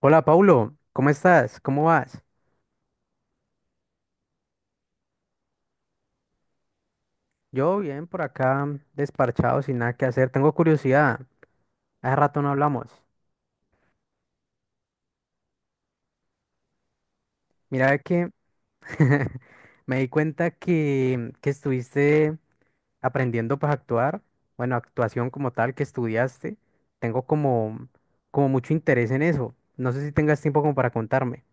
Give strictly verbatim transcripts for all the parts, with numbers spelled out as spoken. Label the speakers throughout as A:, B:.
A: Hola, Paulo, ¿cómo estás? ¿Cómo vas? Yo bien por acá, desparchado, sin nada que hacer. Tengo curiosidad. Hace rato no hablamos. Mira que me di cuenta que, que estuviste aprendiendo para actuar. Bueno, actuación como tal que estudiaste. Tengo como, como mucho interés en eso. No sé si tengas tiempo como para contarme.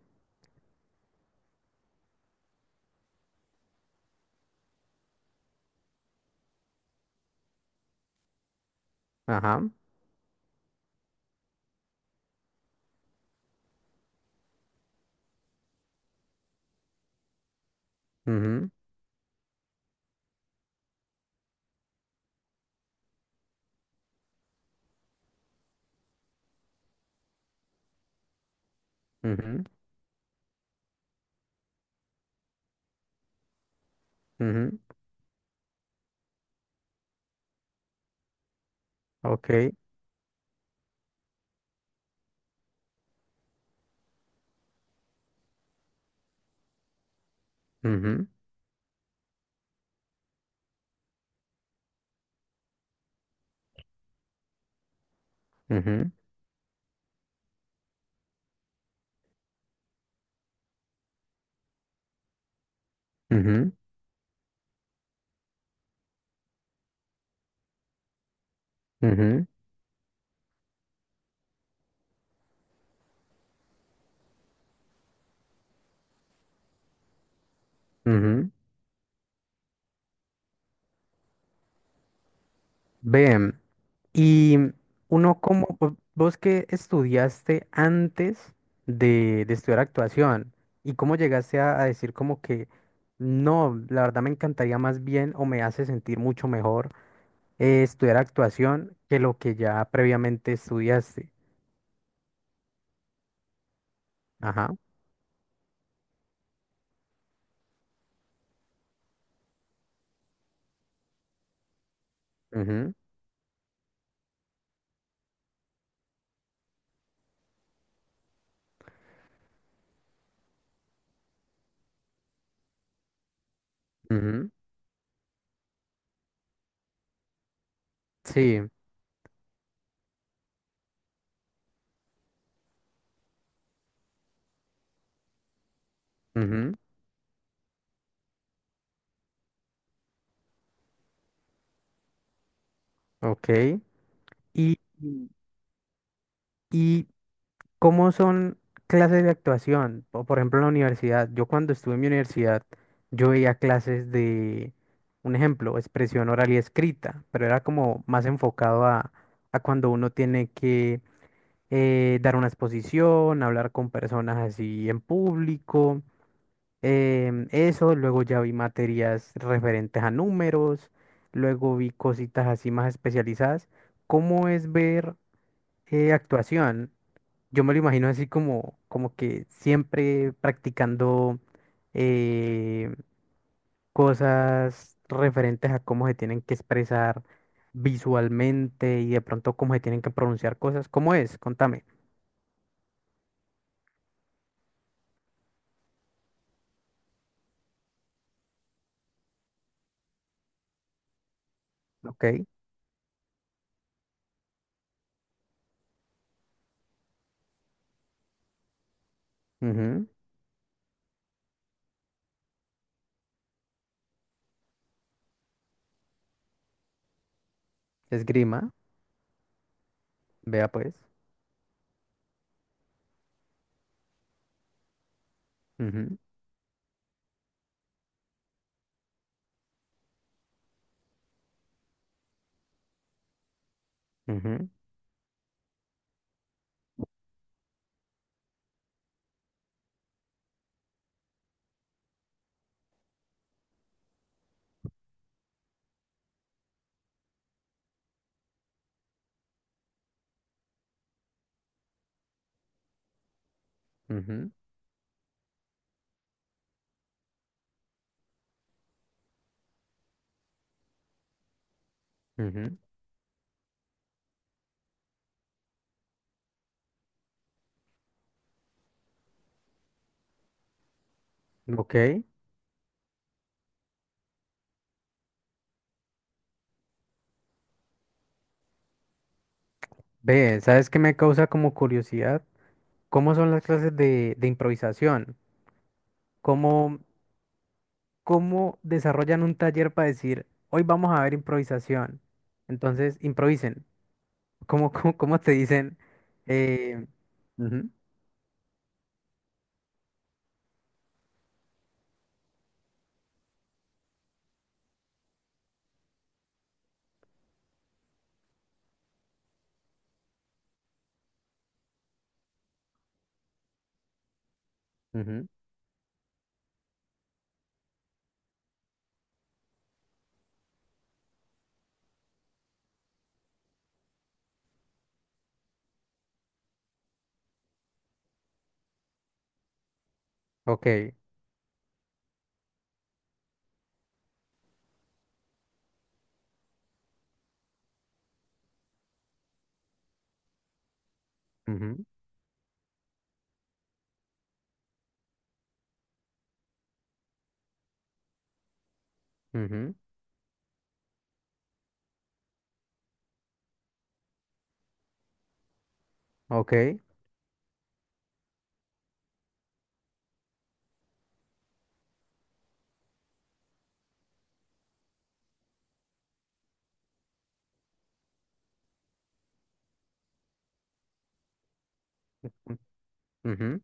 A: Ajá. mhm, mhm, mhm, Ok. mhm, mhm, mhm, mhm, Ven, y uno como, vo- vos que estudiaste antes de, de estudiar actuación, y cómo llegaste a, a decir como que no, la verdad me encantaría más bien, o me hace sentir mucho mejor, eh, estudiar actuación que lo que ya previamente estudiaste. Ajá. Ujú, ujú. Sí. Ujú. Ok. Y, y ¿cómo son clases de actuación? O, por ejemplo, en la universidad, yo cuando estuve en mi universidad, yo veía clases de, un ejemplo, expresión oral y escrita, pero era como más enfocado a, a cuando uno tiene que eh, dar una exposición, hablar con personas así en público, em, eso, luego ya vi materias referentes a números, luego vi cositas así más especializadas. ¿Cómo es ver eh, actuación? Yo me lo imagino así como, como que siempre practicando eh, cosas referentes a cómo se tienen que expresar visualmente y de pronto cómo se tienen que pronunciar cosas. ¿Cómo es? Contame. Ok. Ujú. Esgrima. Vea pues. Ujú, ujú, ujú, ujú. Ok. Ve, ¿sabes qué me causa como curiosidad? ¿Cómo son las clases de, de improvisación? ¿Cómo desarrollan un taller para decir, hoy vamos a ver improvisación? Entonces, improvisen. ¿Cómo, cómo, cómo te dicen? Eh, ujú, ujú, ok, ujú, ujú, ok, ujú,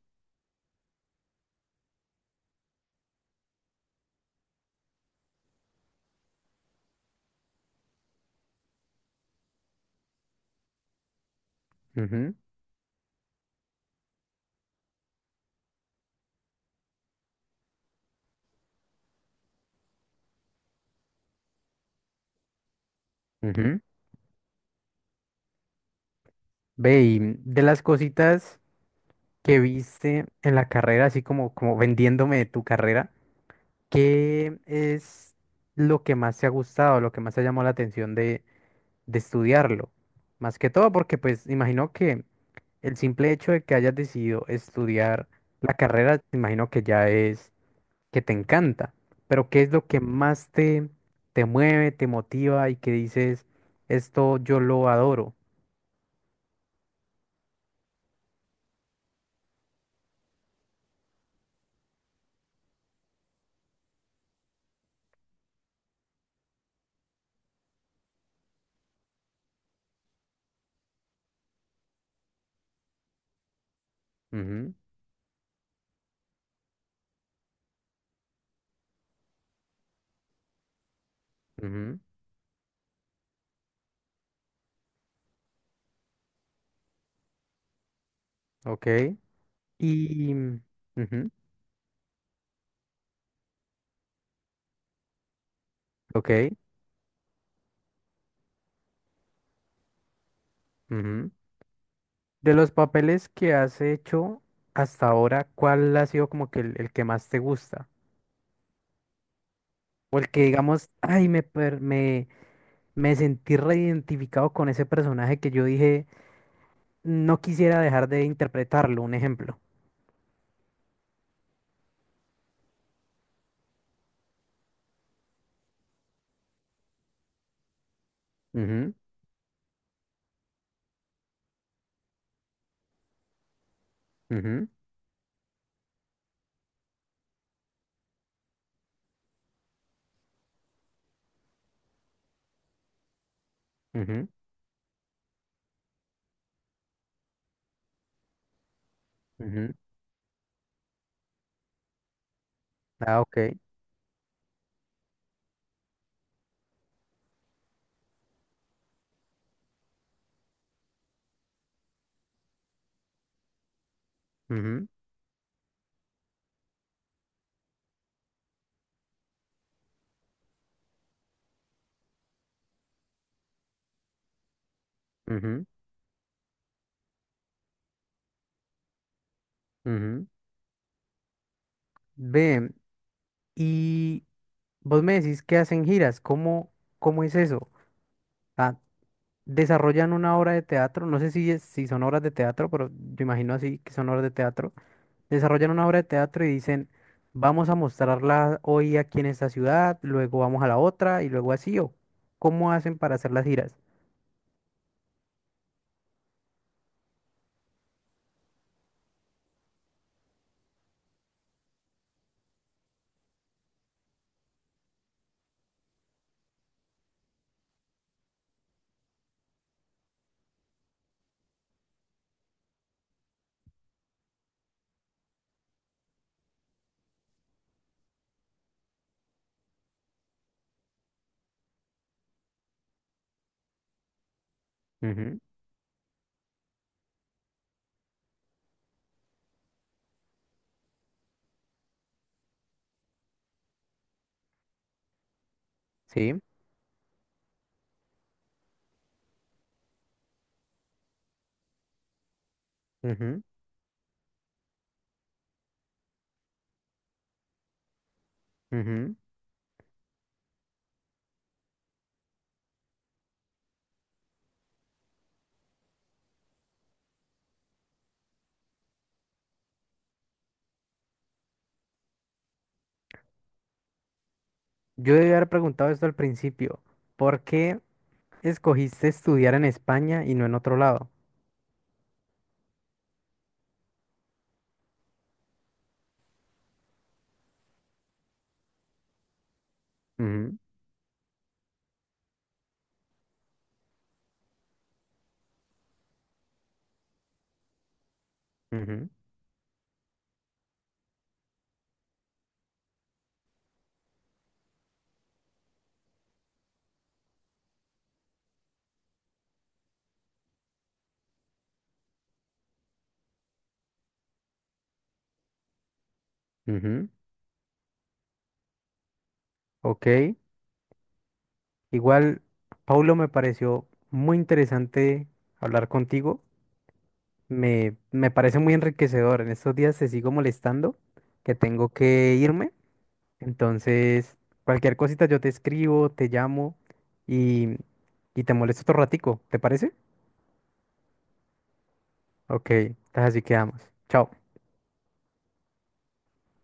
A: ujú, ujú. Ve, y de las cositas que viste en la carrera, así como, como vendiéndome de tu carrera, ¿qué es lo que más te ha gustado, lo que más te llamó la atención de, de estudiarlo? Más que todo porque pues imagino que el simple hecho de que hayas decidido estudiar la carrera, te imagino que ya es que te encanta, pero ¿qué es lo que más te, te mueve, te motiva y que dices, esto yo lo adoro? Ujú, ujú, ok. Y, ujú, ok. Ujú. De los papeles que has hecho hasta ahora, ¿cuál ha sido como que el, el que más te gusta? O el que digamos, ay, me, per- me, me sentí reidentificado con ese personaje que yo dije. No quisiera dejar de interpretarlo, un ejemplo. Ujú, ujú, ujú, ujú. Ah, ok. Ujú, ujú, ujú. Ve, y vos me decís que hacen giras, ¿cómo, cómo es eso? Ah, desarrollan una obra de teatro, no sé si, es- si son obras de teatro, pero yo imagino así que son obras de teatro. Desarrollan una obra de teatro y dicen, vamos a mostrarla hoy aquí en esta ciudad, luego vamos a la otra y luego así, ¿o cómo hacen para hacer las giras? Ujú. Sí. Ujú. Yo debí haber preguntado esto al principio. ¿Por qué escogiste estudiar en España y no en otro lado? Ujú, ujú, ujú. Ok. Igual, Paulo, me pareció muy interesante hablar contigo. Me, me parece muy enriquecedor. En estos días te sigo molestando, que tengo que irme. Entonces, cualquier cosita yo te escribo, te llamo y, y te molesto otro ratico. ¿Te parece? Ok. Entonces así quedamos. Chao.